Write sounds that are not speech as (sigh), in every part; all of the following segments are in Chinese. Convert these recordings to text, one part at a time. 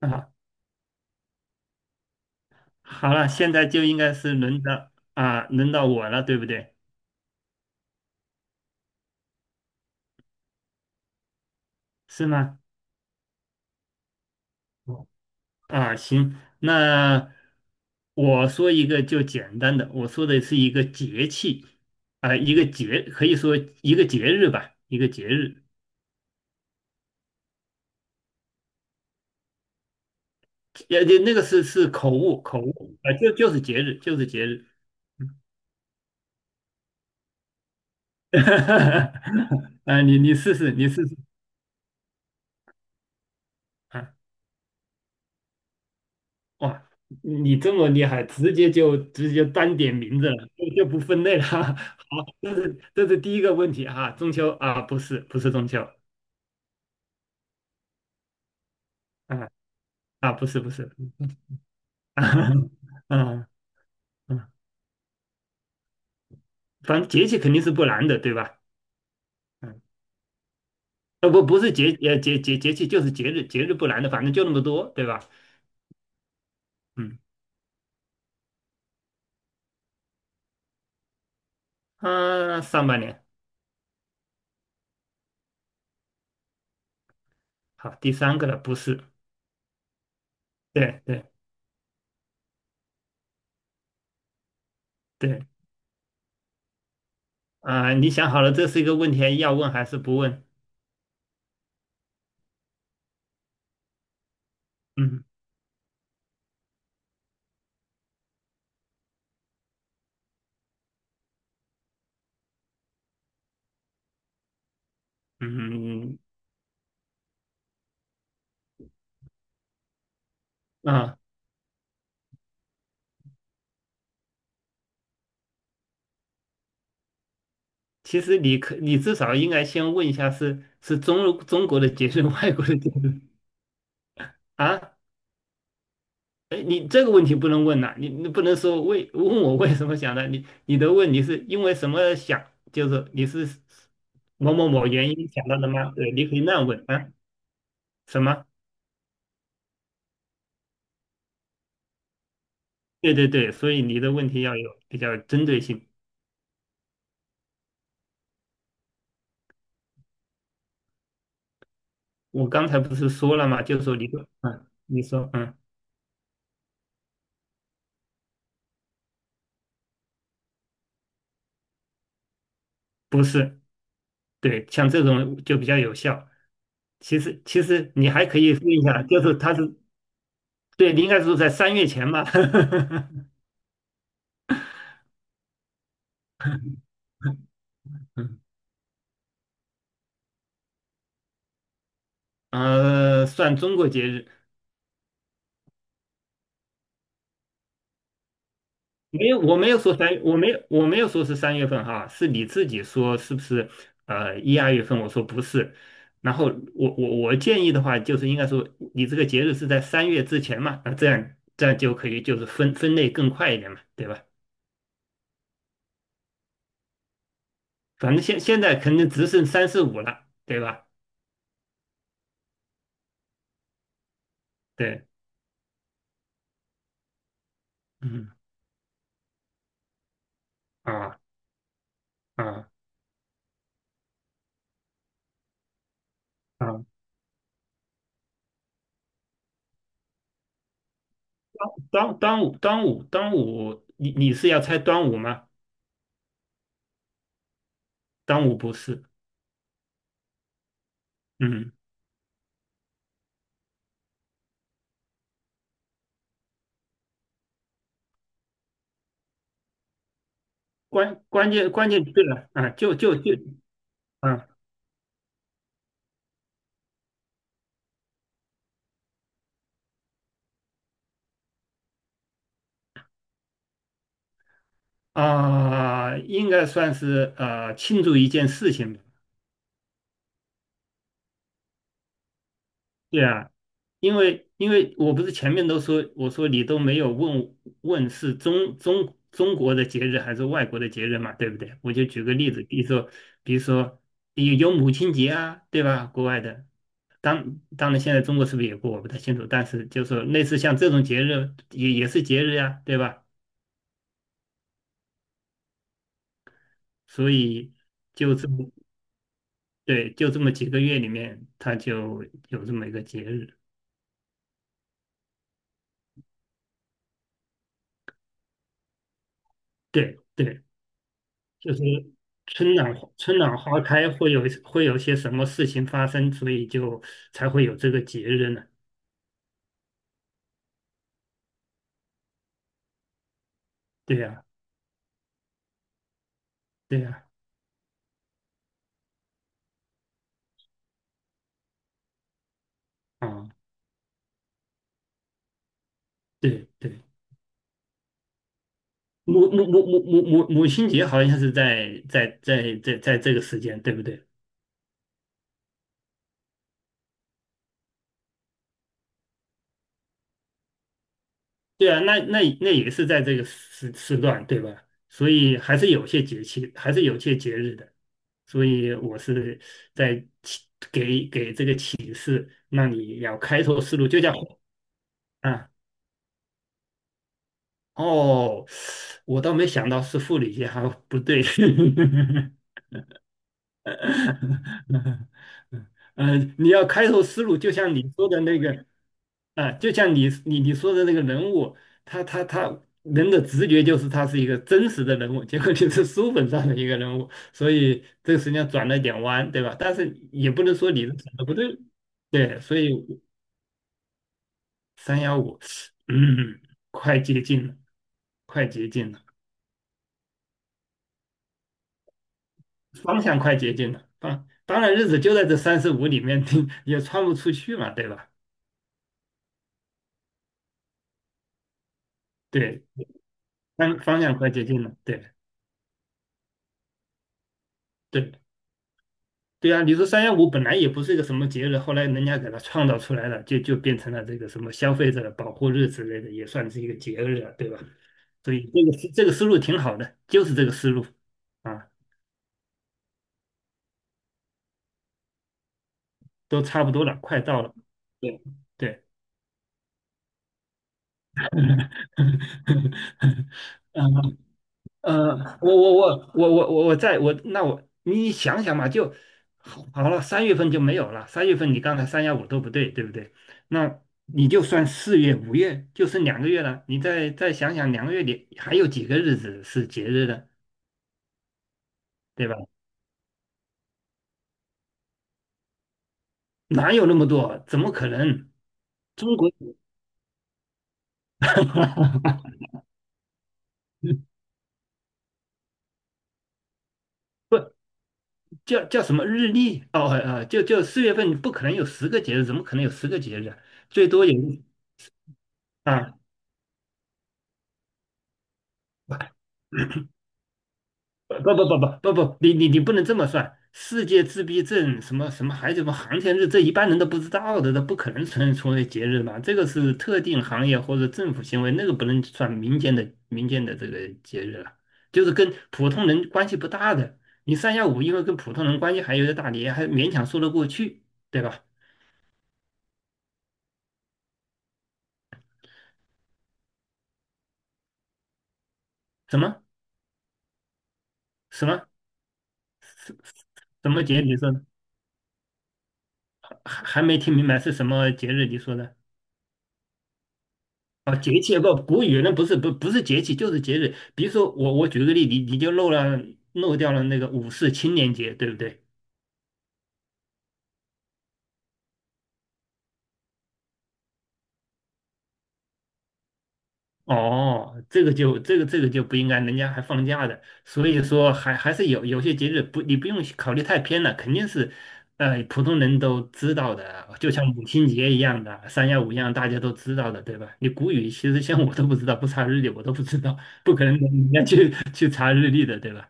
啊，好了，现在就应该是轮到我了，对不对？是吗？哦啊，行，那我说一个就简单的，我说的是一个节气，啊、一个节，可以说一个节日，那个是口误，就就是节日，就是节日，(laughs) 啊，你试试，你试试。啊。哇，你这么厉害，直接单点名字了，就不分类了。(laughs) 好，这是第一个问题哈、中秋啊，不是中秋。啊啊，不是，(laughs) 嗯嗯，反正节气肯定是不难的，对吧？嗯，呃不不是节呃节节节气就是节日不难的，反正就那么多，对吧？嗯啊，上半年。好，第三个了，不是，对对对。啊，你想好了，这是一个问题要问还是不问？嗯嗯嗯嗯啊。其实你至少应该先问一下是中国的结日，(laughs) 外国的结日啊？哎，你这个问题不能问呐、你不能说问我为什么想的，你的问你是因为什么想，就是你是某原因想到的吗？对，你可以那样问啊，什么？对对对，所以你的问题要有比较针对性。我刚才不是说了吗？就是说你说，不是，对，像这种就比较有效。其实你还可以问一下，就是他是对，你应该是在三月前吧。(laughs) 算中国节日，没有，我没有说是三月份哈，是你自己说是不是？一二月份，我说不是。然后我建议的话，就是应该说你这个节日是在三月之前嘛，那这样就可以就是分类更快一点嘛，对吧？反正现在肯定只剩三四五了，对吧？对，嗯啊啊啊，端午，你是要猜端午吗？端午不是，嗯，关键对了啊，就就就，嗯啊啊，应该算是庆祝一件事情吧，对啊，因为我不是前面都说，我说你都没有问问是中国的节日还是外国的节日嘛，对不对？我就举个例子，比如说有母亲节啊，对吧？国外的，当然现在中国是不是也过，我不太清楚，但是就是说类似像这种节日也是节日呀，对吧？所以就这么对，就这么几个月里面，它就有这么一个节日，对对。就是春暖花开会有些什么事情发生，所以就才会有这个节日呢？对呀，对呀，啊，对对，母母母母母母亲节好像是在这个时间，对不对？对啊，那也是在这个时段，对吧？所以还是有些节气，还是有些节日的。所以我是在启给给这个启示，让你要开拓思路，就叫啊。哦，我倒没想到是护理学，还不对。(laughs) 嗯，你要开拓思路，就像你说的那个啊，就像你说的那个人物，他人的直觉就是他是一个真实的人物，结果你是书本上的一个人物，所以这个实际上转了一点弯，对吧？但是也不能说你转的不对。对，所以三幺五，三一五，快接近了，快接近了。方向快接近了，啊，当然日子就在这三十五里面，(laughs) 也穿不出去嘛，对吧？对，方向快接近了，对对对啊！你说三幺五本来也不是一个什么节日，后来人家给它创造出来了，就变成了这个什么消费者保护日之类的，也算是一个节日了，对吧？所以这个思路挺好的，就是这个思路啊，都差不多了，快到了，对对，(laughs) 嗯我我我我我我我在我那我你想想嘛，就好了，三月份就没有了。三月份你刚才三幺五都不对，对不对？那你就算四月、五月，就剩两个月了。你再想想，两个月里还有几个日子是节日的，对吧？哪有那么多？怎么可能？中国。 (laughs) 叫什么日历？哦，就四月份不可能有十个节日，怎么可能有十个节日啊最多有啊。不不不不不不，你不能这么算。世界自闭症什么什么还有什么航天日，这一般人都不知道的，这不可能成为节日嘛。这个是特定行业或者政府行为，那个不能算民间的这个节日了，就是跟普通人关系不大的。你三幺五因为跟普通人关系还有点大，你还勉强说得过去，对吧？什么什么什么节？你说还没听明白是什么节日？你说的？啊，节气不，古语那不是不是节气，就是节日。比如说我举个例，你就漏掉了那个五四青年节，对不对？哦，这个就这个这个就不应该，人家还放假的，所以说还是有些节日不，你不用考虑太偏了，肯定是，普通人都知道的，就像母亲节一样的，三幺五一样，大家都知道的，对吧？你古语其实像我都不知道，不查日历我都不知道，不可能人家去查日历的，对吧？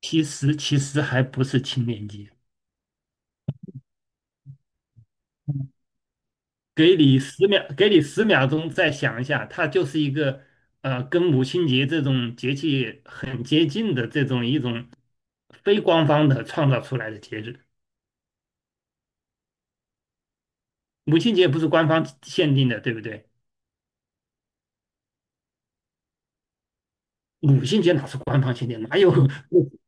其实还不是青年节。给你十秒，给你10秒钟再想一下，它就是一个跟母亲节这种节气很接近的这种一种非官方的创造出来的节日。母亲节不是官方限定的，对不对？母亲节哪是官方限定？哪有。 (laughs)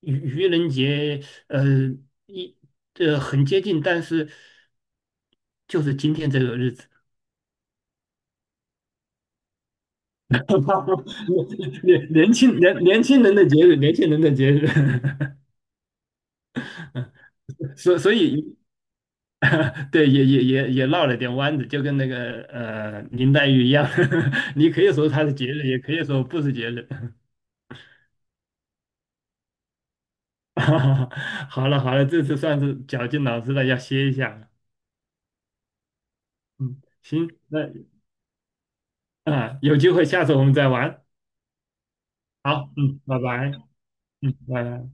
愚愚人节？呃，一很接近，但是就是今天这个日子，(laughs) 年轻人的节日，年轻人的节日。(laughs) 所以对，也绕了点弯子，就跟那个林黛玉一样，(laughs) 你可以说她是节日，也可以说不是节日。(laughs) 好了好了，这次算是绞尽脑汁了，要歇一下了。嗯，行，那啊，有机会下次我们再玩。好，嗯，拜拜，嗯，拜拜。